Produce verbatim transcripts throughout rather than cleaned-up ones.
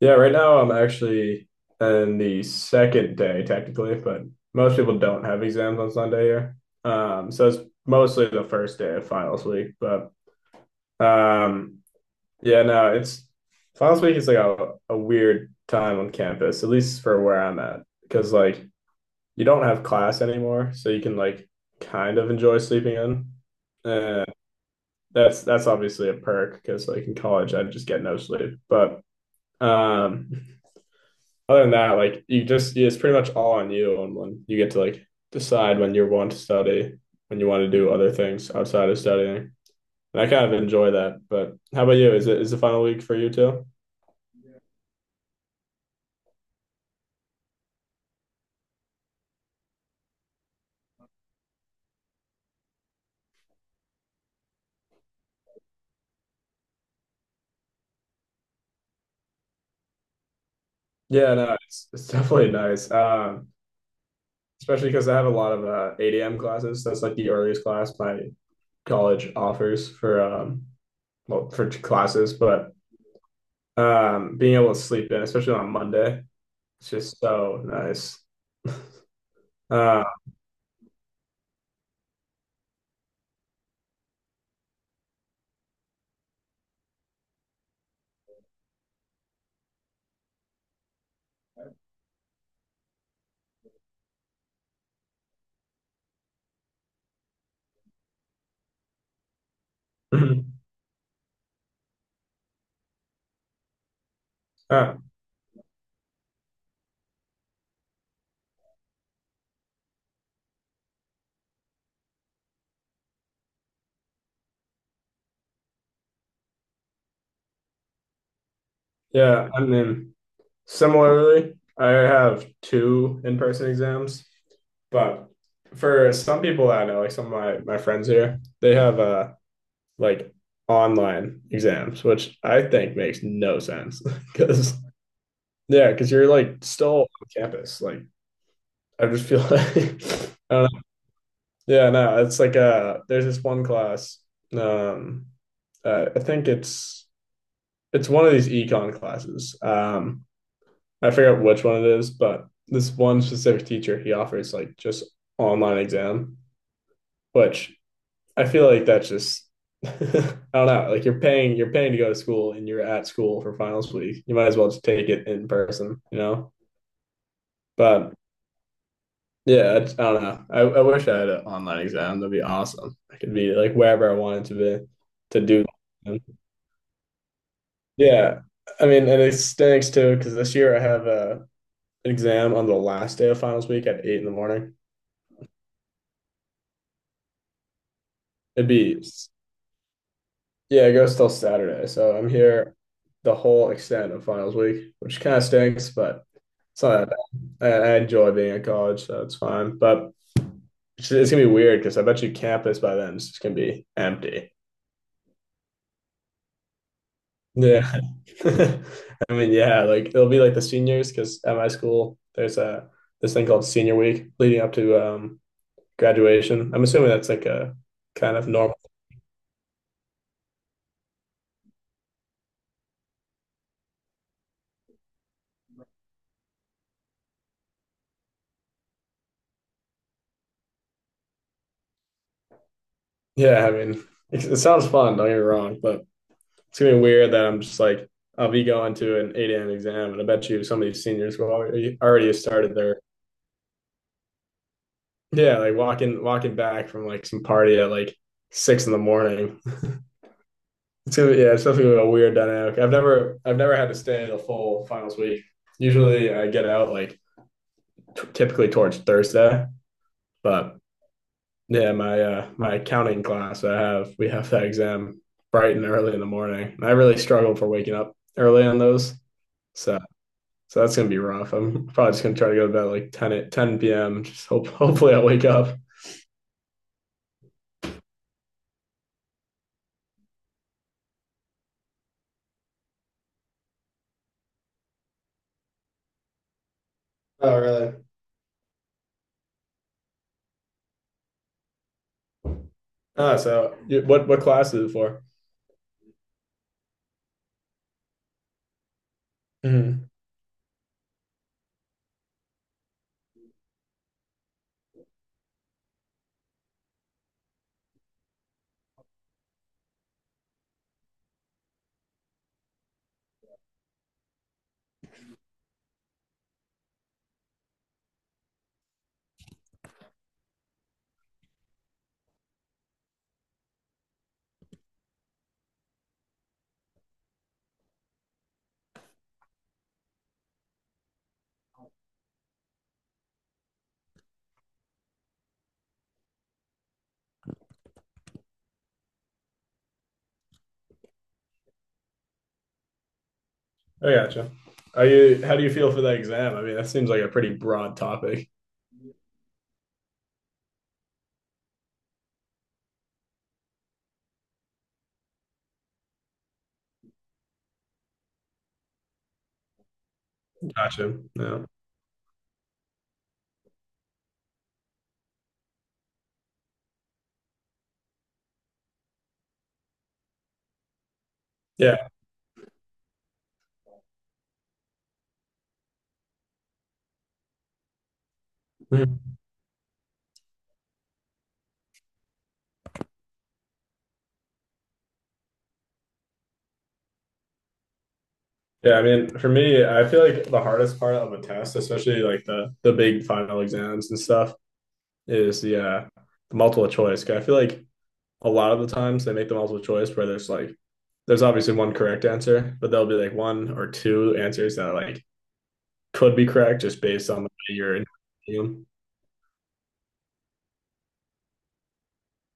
Yeah, right now I'm actually in the second day technically, but most people don't have exams on Sunday here. Um, so it's mostly the first day of finals week, but um, yeah, no, it's finals week is like a, a weird time on campus, at least for where I'm at, because like you don't have class anymore, so you can like kind of enjoy sleeping in. Uh, that's that's obviously a perk because like in college I just get no sleep. But um, other than that, like you just yeah, it's pretty much all on you on when you get to like decide when you want to study, when you want to do other things outside of studying. And I kind of enjoy that. But how about you? Is it is the final week for you too? Yeah. Yeah, no, it's it's definitely nice. Um, especially because I have a lot of uh, eight a m classes. That's like the earliest class my college offers for um well for t- classes, but um being able to sleep in, especially on Monday, it's just so nice. Uh, uh, yeah, I mean. Similarly, I have two in person exams, but for some people I know, like some of my, my friends here, they have uh like online exams, which I think makes no sense because yeah, because you're like still on campus. Like I just feel like I don't know. Yeah, no, it's like uh there's this one class. Um uh, I think it's it's one of these econ classes. Um I forget which one it is, but this one specific teacher, he offers like just online exam, which I feel like that's just I don't know, like you're paying you're paying to go to school and you're at school for finals week. You might as well just take it in person, you know? But yeah, I, I don't know. I, I wish I had an online exam. That'd be awesome. I could be like wherever I wanted to be to do. Yeah. I mean, and it stinks too, because this year I have a, an exam on the last day of finals week at eight in the morning. It'd be Yeah, it goes till Saturday. So I'm here the whole extent of finals week, which kind of stinks, but it's not that bad. I, I enjoy being at college, so it's fine. But it's, it's gonna be weird because I bet you campus by then is just gonna be empty. Yeah. I mean, yeah, like it'll be like the seniors because at my school there's a this thing called senior week leading up to um graduation. I'm assuming that's like a kind of normal. Yeah, I mean, it, it sounds fun, don't get me wrong, but it's gonna be weird that I'm just like I'll be going to an eight a m exam, and I bet you some of these seniors will already already have started their yeah, like walking walking back from like some party at like six in the morning. It's gonna be, yeah, it's definitely gonna be a weird dynamic. I've never I've never had to stay the full finals week. Usually I get out like t- typically towards Thursday, but yeah, my uh my accounting class I have we have that exam bright and early in the morning. And I really struggle for waking up early on those. So So that's gonna be rough. I'm probably just gonna try to go to bed like ten p m. Just hope hopefully I wake up. Oh, really? Ah, so you, what what class is it for? Mm-hmm. I gotcha. Are you How do you feel for that exam? I mean, that seems like a pretty broad topic. Gotcha. No. Yeah. Mhm. Yeah, I mean, for me, I feel like the hardest part of a test, especially like the the big final exams and stuff, is the uh, the multiple choice. 'Cause I feel like a lot of the times they make the multiple choice where there's like there's obviously one correct answer, but there'll be like one or two answers that like could be correct just based on the way you're interviewing.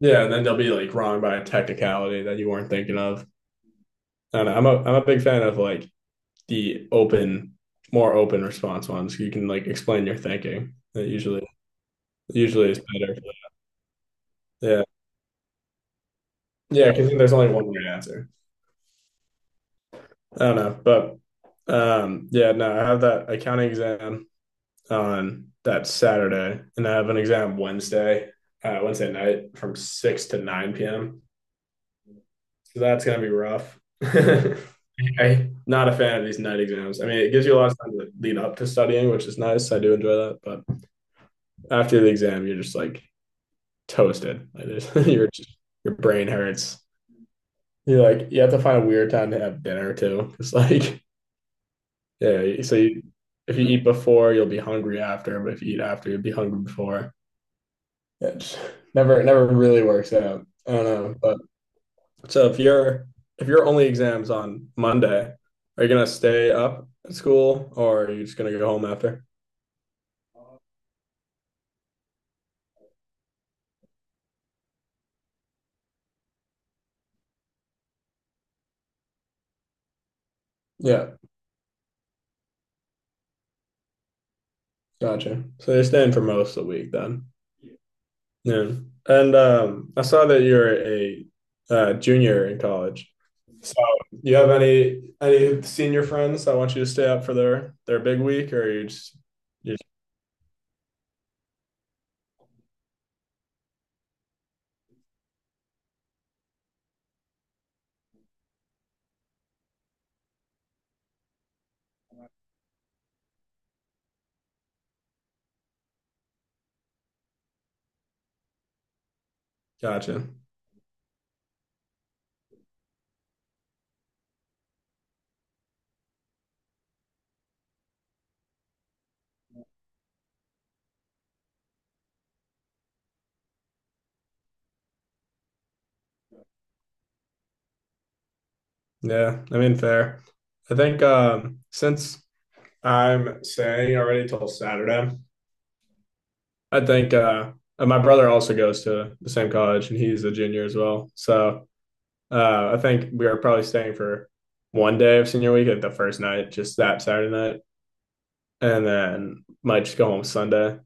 Yeah, and then they'll be like wrong by a technicality that you weren't thinking of. And I'm a I'm a big fan of like the open, more open response ones. You can like explain your thinking. That usually usually is better. Yeah, yeah, because there's only one right answer. I don't know, but um, yeah, no, I have that accounting exam on that Saturday, and I have an exam Wednesday, uh, Wednesday night from six to nine p m. So that's gonna be rough. I not a fan of these night exams. I mean, it gives you a lot of time to lead up to studying, which is nice. I do enjoy that, but after the exam, you're just like toasted. Like you're just, your brain hurts. You like you have to find a weird time to have dinner too. It's like yeah. So you, if you eat before, you'll be hungry after. But if you eat after, you'll be hungry before. It's never never really works out. I don't know. But So if your if your only exam's on Monday, are you gonna stay up at school or are you just gonna go home after? Yeah, gotcha. So you're staying for most of the week then. Yeah. And um, I saw that you're a uh, junior in college. So you have any any senior friends that want you to stay up for their their big week or you just you Gotcha. Yeah, I mean, fair. I think um, since I'm staying already till Saturday, I think uh, and my brother also goes to the same college and he's a junior as well. So Uh, I think we are probably staying for one day of senior week at the first night, just that Saturday night, and then might just go home Sunday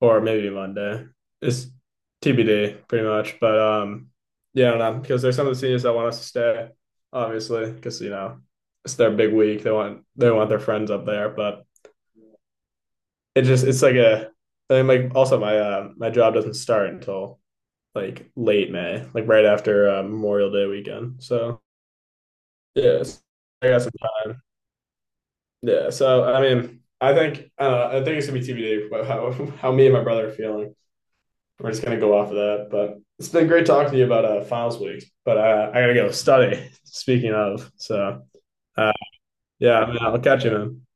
or maybe Monday. It's T B D, pretty much. But um, yeah, I don't know because there's some of the seniors that want us to stay, obviously, because you know it's their big week. They want they want their friends up there, but it just it's like a, I mean, like also my uh, my job doesn't start until like late May, like right after uh, Memorial Day weekend. So yeah, I got some time. Yeah, so I mean, I think uh, I think it's gonna be T B D how how me and my brother are feeling. We're just gonna go off of that. But it's been great talking to you about uh, finals week. But uh, I gotta go study. Speaking of, so uh, yeah, I mean, I'll catch you, man.